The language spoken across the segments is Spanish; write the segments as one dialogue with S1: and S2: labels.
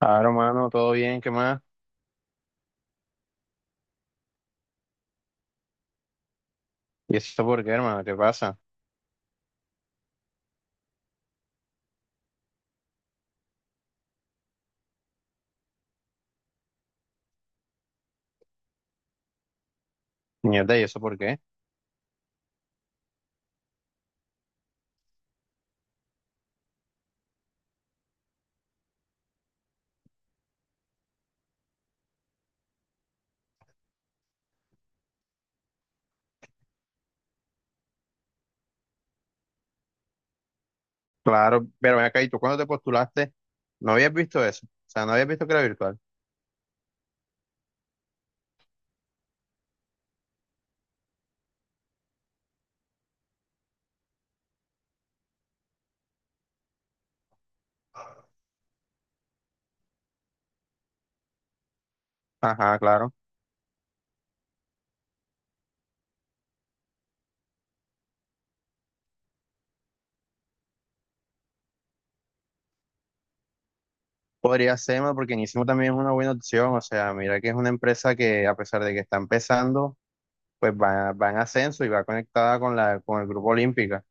S1: Claro, hermano, todo bien, ¿qué más? ¿Y eso por qué, hermano? ¿Qué pasa? Mierda, ¿y eso por qué? Claro, pero ven acá, ¿y tú cuando te postulaste? No habías visto eso. O sea, no habías visto que era virtual. Ajá, claro. Podría ser, mano, porque Nisimo también es una buena opción. O sea, mira que es una empresa que, a pesar de que está empezando, pues va en ascenso y va conectada con con el grupo Olímpica.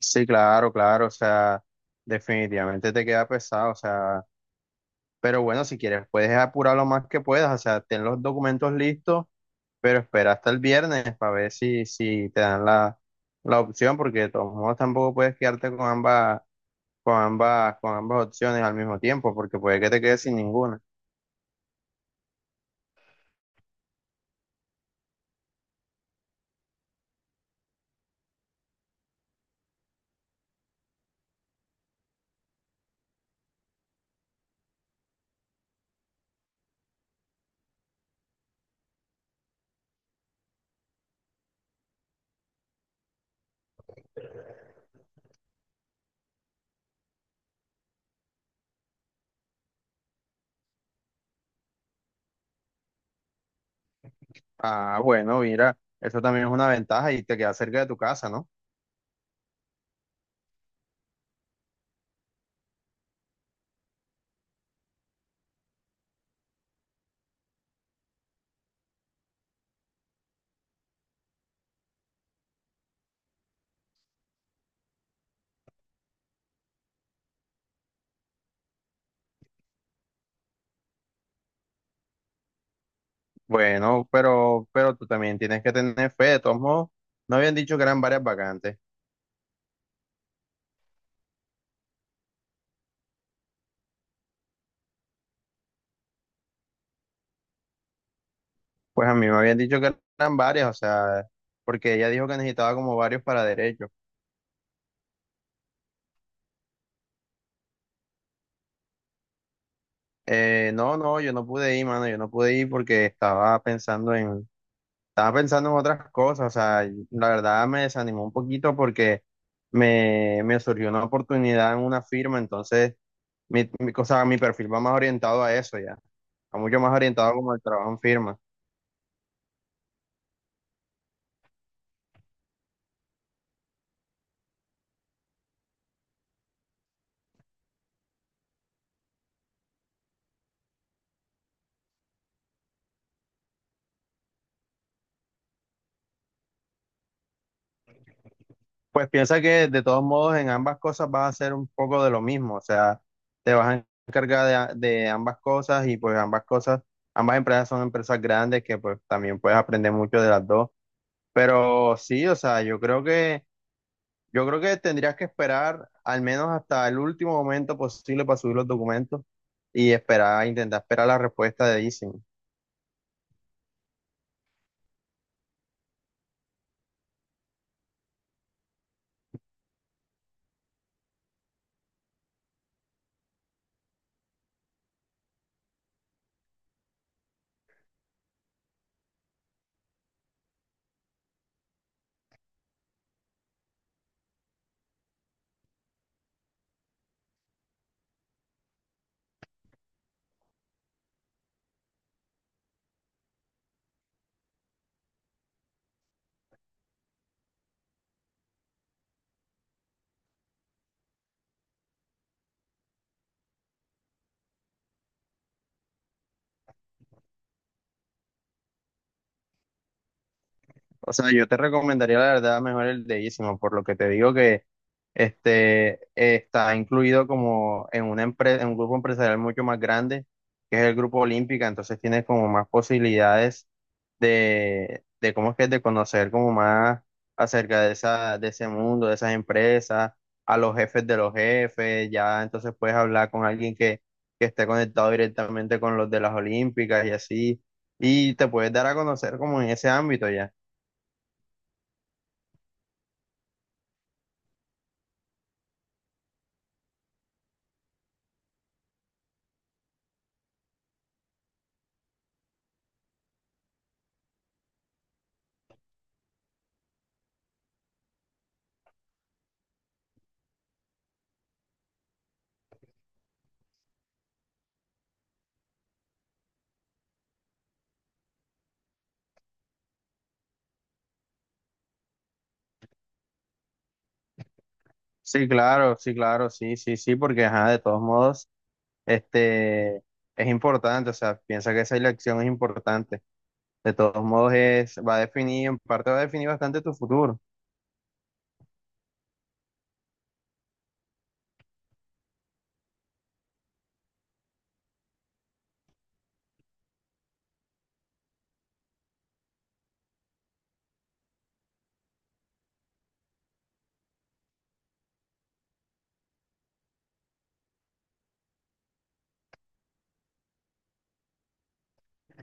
S1: Sí, claro, claro. O sea, definitivamente te queda pesado. O sea, pero bueno, si quieres, puedes apurar lo más que puedas, o sea, ten los documentos listos, pero espera hasta el viernes para ver si te dan la opción, porque de todos modos tampoco puedes quedarte con ambas, con ambas, con ambas opciones al mismo tiempo, porque puede que te quedes sin ninguna. Ah, bueno, mira, eso también es una ventaja y te queda cerca de tu casa, ¿no? Bueno, pero tú también tienes que tener fe. De todos modos, no habían dicho que eran varias vacantes. Pues a mí me habían dicho que eran varias, o sea, porque ella dijo que necesitaba como varios para derecho. No, yo no pude ir, mano, yo no pude ir porque estaba estaba pensando en otras cosas, o sea, y la verdad me desanimó un poquito porque me surgió una oportunidad en una firma, entonces, o sea, mi perfil va más orientado a eso ya, va mucho más orientado como al trabajo en firma. Pues piensa que de todos modos en ambas cosas vas a hacer un poco de lo mismo, o sea, te vas a encargar de, a- de ambas cosas y pues ambas cosas, ambas empresas son empresas grandes que pues también puedes aprender mucho de las dos, pero sí, o sea, yo creo que tendrías que esperar al menos hasta el último momento posible para subir los documentos y esperar, intentar esperar la respuesta de Easy. O sea, yo te recomendaría la verdad mejor el de Ísimo, por lo que te digo que este está incluido como en una empresa, en un grupo empresarial mucho más grande, que es el Grupo Olímpica, entonces tienes como más posibilidades de cómo es que es de conocer como más acerca de esa, de ese mundo, de esas empresas, a los jefes de los jefes, ya entonces puedes hablar con alguien que esté conectado directamente con los de las Olímpicas y así, y te puedes dar a conocer como en ese ámbito ya. Sí, claro, sí, claro, sí, sí, sí, porque ajá, de todos modos, este es importante, o sea, piensa que esa elección es importante. De todos modos es, va a definir, en parte va a definir bastante tu futuro.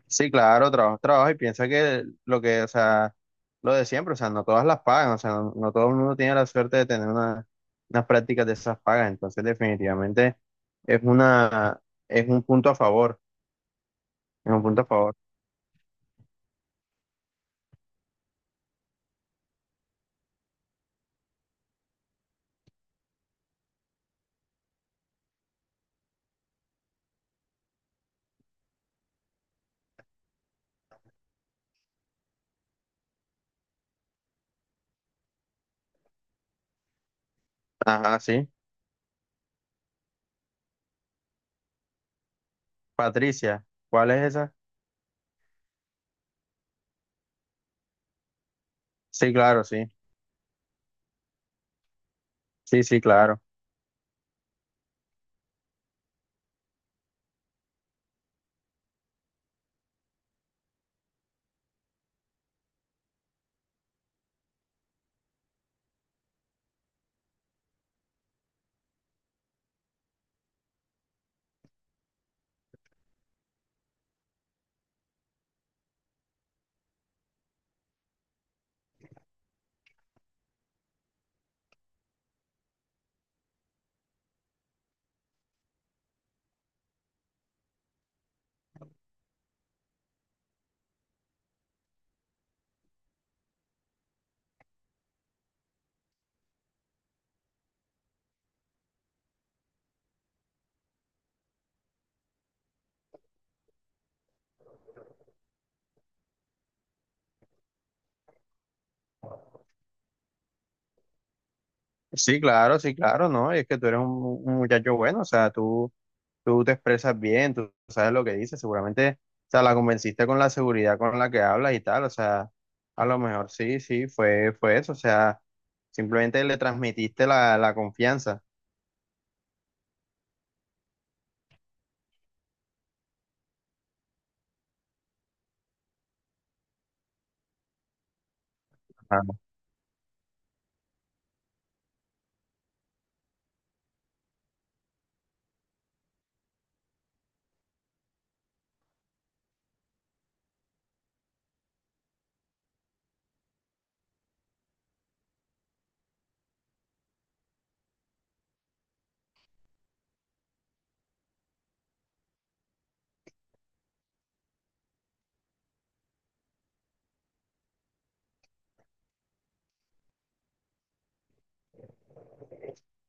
S1: Sí, claro, trabajo, trabajo, y piensa que lo que, o sea, lo de siempre, o sea, no todas las pagan, o sea, no, no todo el mundo tiene la suerte de tener una, unas prácticas de esas pagas. Entonces, definitivamente es una, es un punto a favor, es un punto a favor. Ajá, sí. Patricia, ¿cuál es esa? Sí, claro, sí. Sí, sí, claro. Sí, claro, sí, claro, ¿no? Y es que tú eres un muchacho bueno, o sea, tú te expresas bien, tú sabes lo que dices, seguramente, o sea, la convenciste con la seguridad con la que hablas y tal, o sea, a lo mejor sí, sí, fue, fue eso, o sea, simplemente le transmitiste la confianza.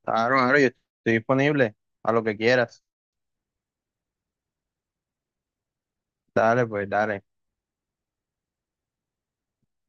S1: Claro, claro, yo estoy disponible a lo que quieras. Dale, pues, dale.